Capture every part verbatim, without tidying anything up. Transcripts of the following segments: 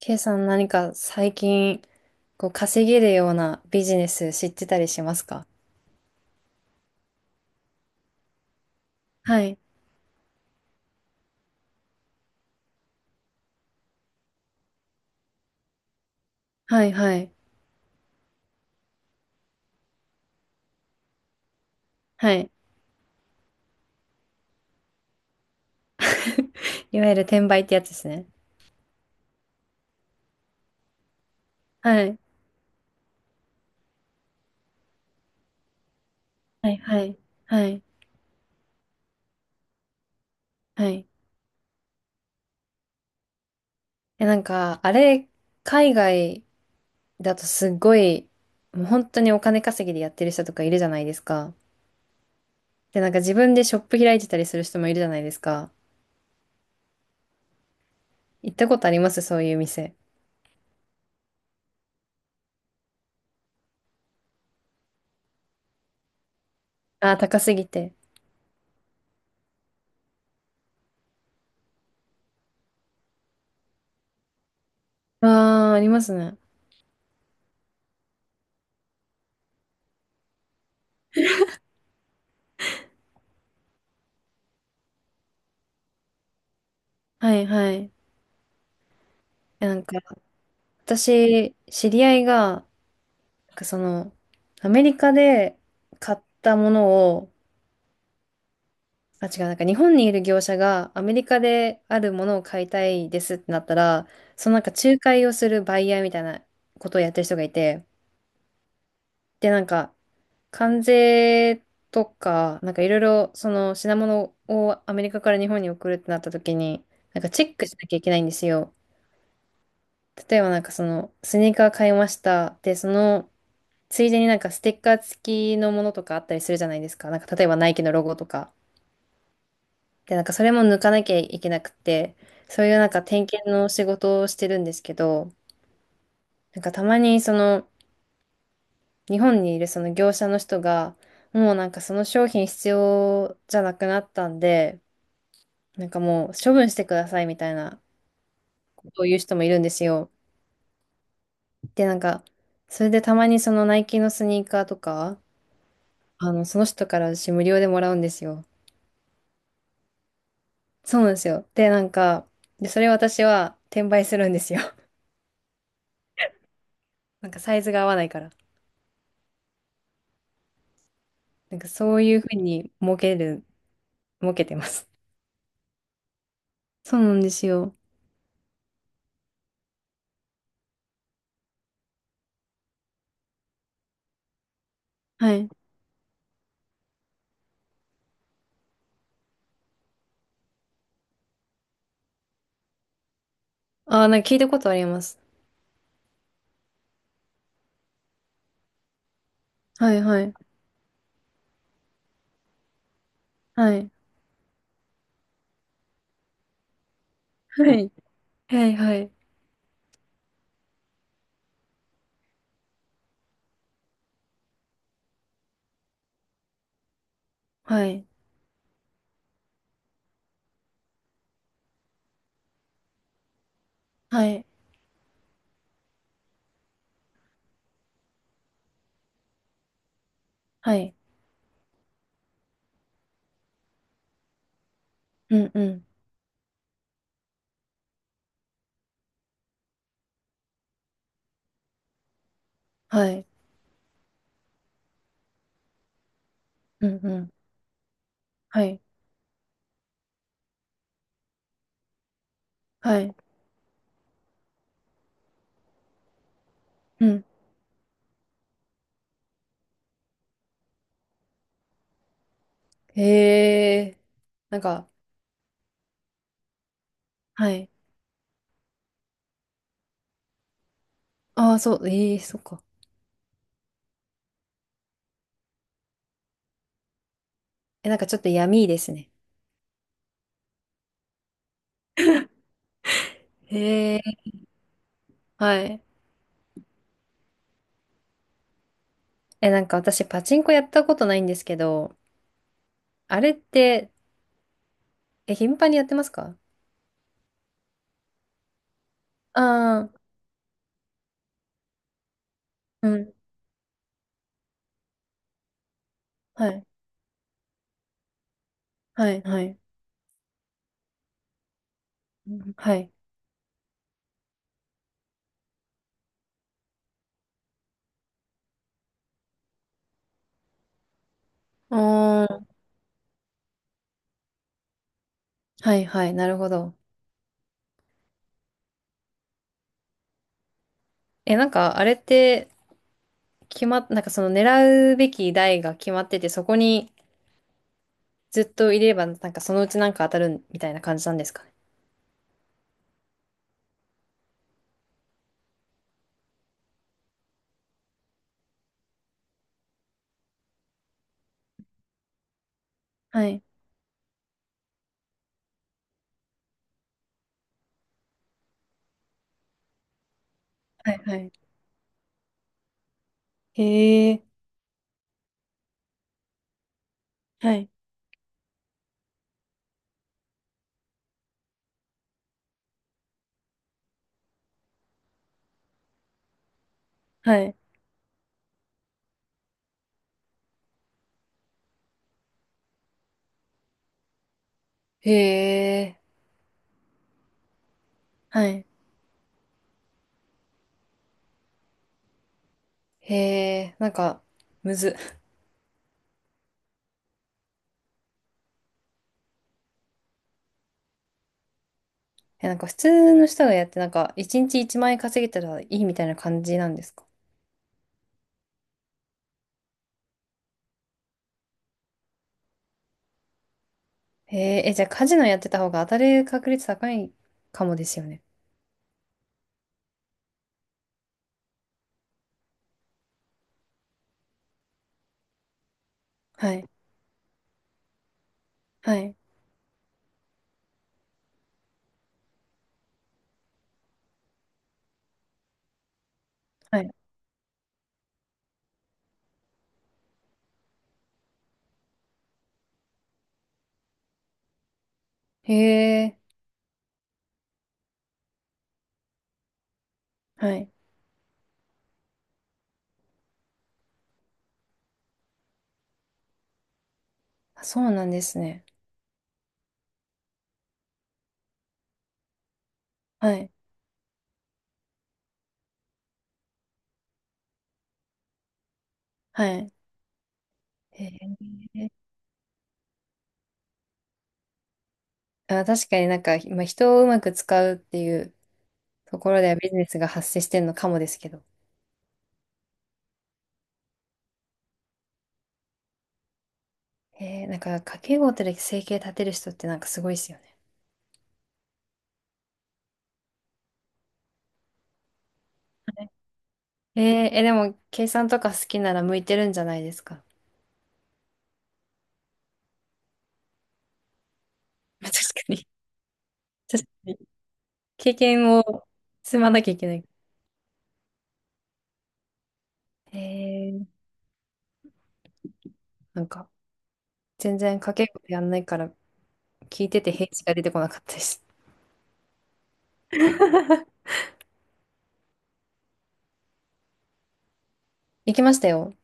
ケイさん何か最近、こう稼げるようなビジネス知ってたりしますか？はい。はい、はい、はい。いわゆる転売ってやつですね。はい。はい、はい、はい、はい。え、なんか、あれ、海外だとすごい、もう本当にお金稼ぎでやってる人とかいるじゃないですか。で、なんか自分でショップ開いてたりする人もいるじゃないですか。行ったことありますそういう店。あー、高すぎて。ああ、ありますね。はい、はい。え、なんか、私、知り合いが、なんかその、アメリカで買ったものを、あ、違う、なんか日本にいる業者がアメリカであるものを買いたいですってなったら、そのなんか仲介をするバイヤーみたいなことをやってる人がいて、で、なんか、関税とか、なんかいろいろ、その品物をアメリカから日本に送るってなった時に、なんかチェックしなきゃいけないんですよ。例えばなんかその、スニーカー買いました。で、その、ついでになんかステッカー付きのものとかあったりするじゃないですか。なんか例えばナイキのロゴとか。で、なんかそれも抜かなきゃいけなくて、そういうなんか点検の仕事をしてるんですけど、なんかたまにその日本にいるその業者の人が、もうなんかその商品必要じゃなくなったんで、なんかもう処分してくださいみたいなことを言う人もいるんですよ。で、なんか、それでたまにそのナイキのスニーカーとか、あの、その人から私無料でもらうんですよ。そうなんですよ。で、なんか、で、それ私は転売するんですよ。なんかサイズが合わないから。なんかそういうふうに儲ける、儲けてます。そうなんですよ。はい。ああ、なんか聞いたことあります。はいはい。はい。はい。はいはい。はい。はい。はい。うんうん。はい。うんうん。はい。はい。うん。へえ。なんか、はい。ああ、そう。ええ、そっか。え、なんかちょっと闇ですね。へえ。はい。え、なんか私パチンコやったことないんですけど、あれって、え、頻繁にやってますか？ああー、うん。はい。はい、はい。うんはい。あーはい、はい。なるほど。え、なんかあれって、決まっ、なんかその狙うべき台が決まってて、そこにずっといれば、なんかそのうちなんか当たるみたいな感じなんですかね？はい。はい、はい。へえ。はい。はい。へえ。はい。へえ。なんか、むず。え、なんか普通の人がやって、なんかいちにちいちまん円稼げたらいいみたいな感じなんですか？へえ、え、じゃあカジノやってた方が当たる確率高いかもですよね。はい。はい。はい。へえ、はい。あ、そうなんですね。はい。はい。へえ。あ、確かになんか、まあ、人をうまく使うっていうところではビジネスが発生してるのかもですけど。へえ、なんか家計簿で生計立てる人ってなんかすごいですよね。へえ、え、でも計算とか好きなら向いてるんじゃないですか？まあ確かに確かに経験を積まなきゃいけない。へえ、なんか、全然掛け声やんないから、聞いてて平地が出てこなかったです。行きましたよ。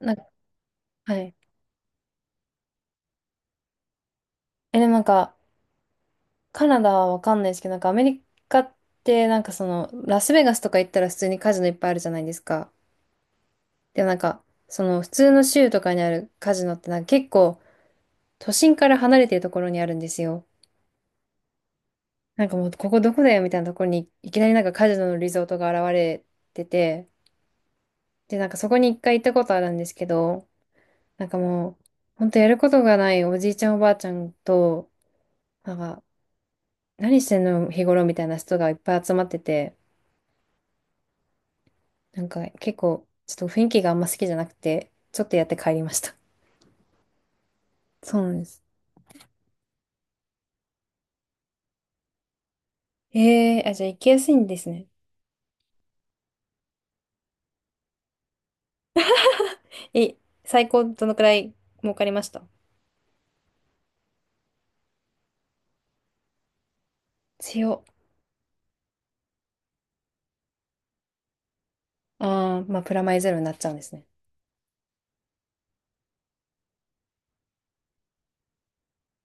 なんか、はい。え、でもなんか、カナダはわかんないですけど、なんかアメリカって、なんかその、ラスベガスとか行ったら普通にカジノいっぱいあるじゃないですか。でもなんか、その、普通の州とかにあるカジノって、なんか結構、都心から離れてるところにあるんですよ。なんかもう、ここどこだよみたいなところに、いきなりなんかカジノのリゾートが現れてて、で、なんかそこに一回行ったことあるんですけど、なんかもう、ほんとやることがないおじいちゃんおばあちゃんと、なんか、何してんの日頃みたいな人がいっぱい集まってて、なんか結構、ちょっと雰囲気があんま好きじゃなくて、ちょっとやって帰りました。そうなんです。ええーあ、じゃあ行きやすいんですね。え、最高どのくらい儲かりました強。ああ、まあ、プラマイゼロになっちゃうんですね。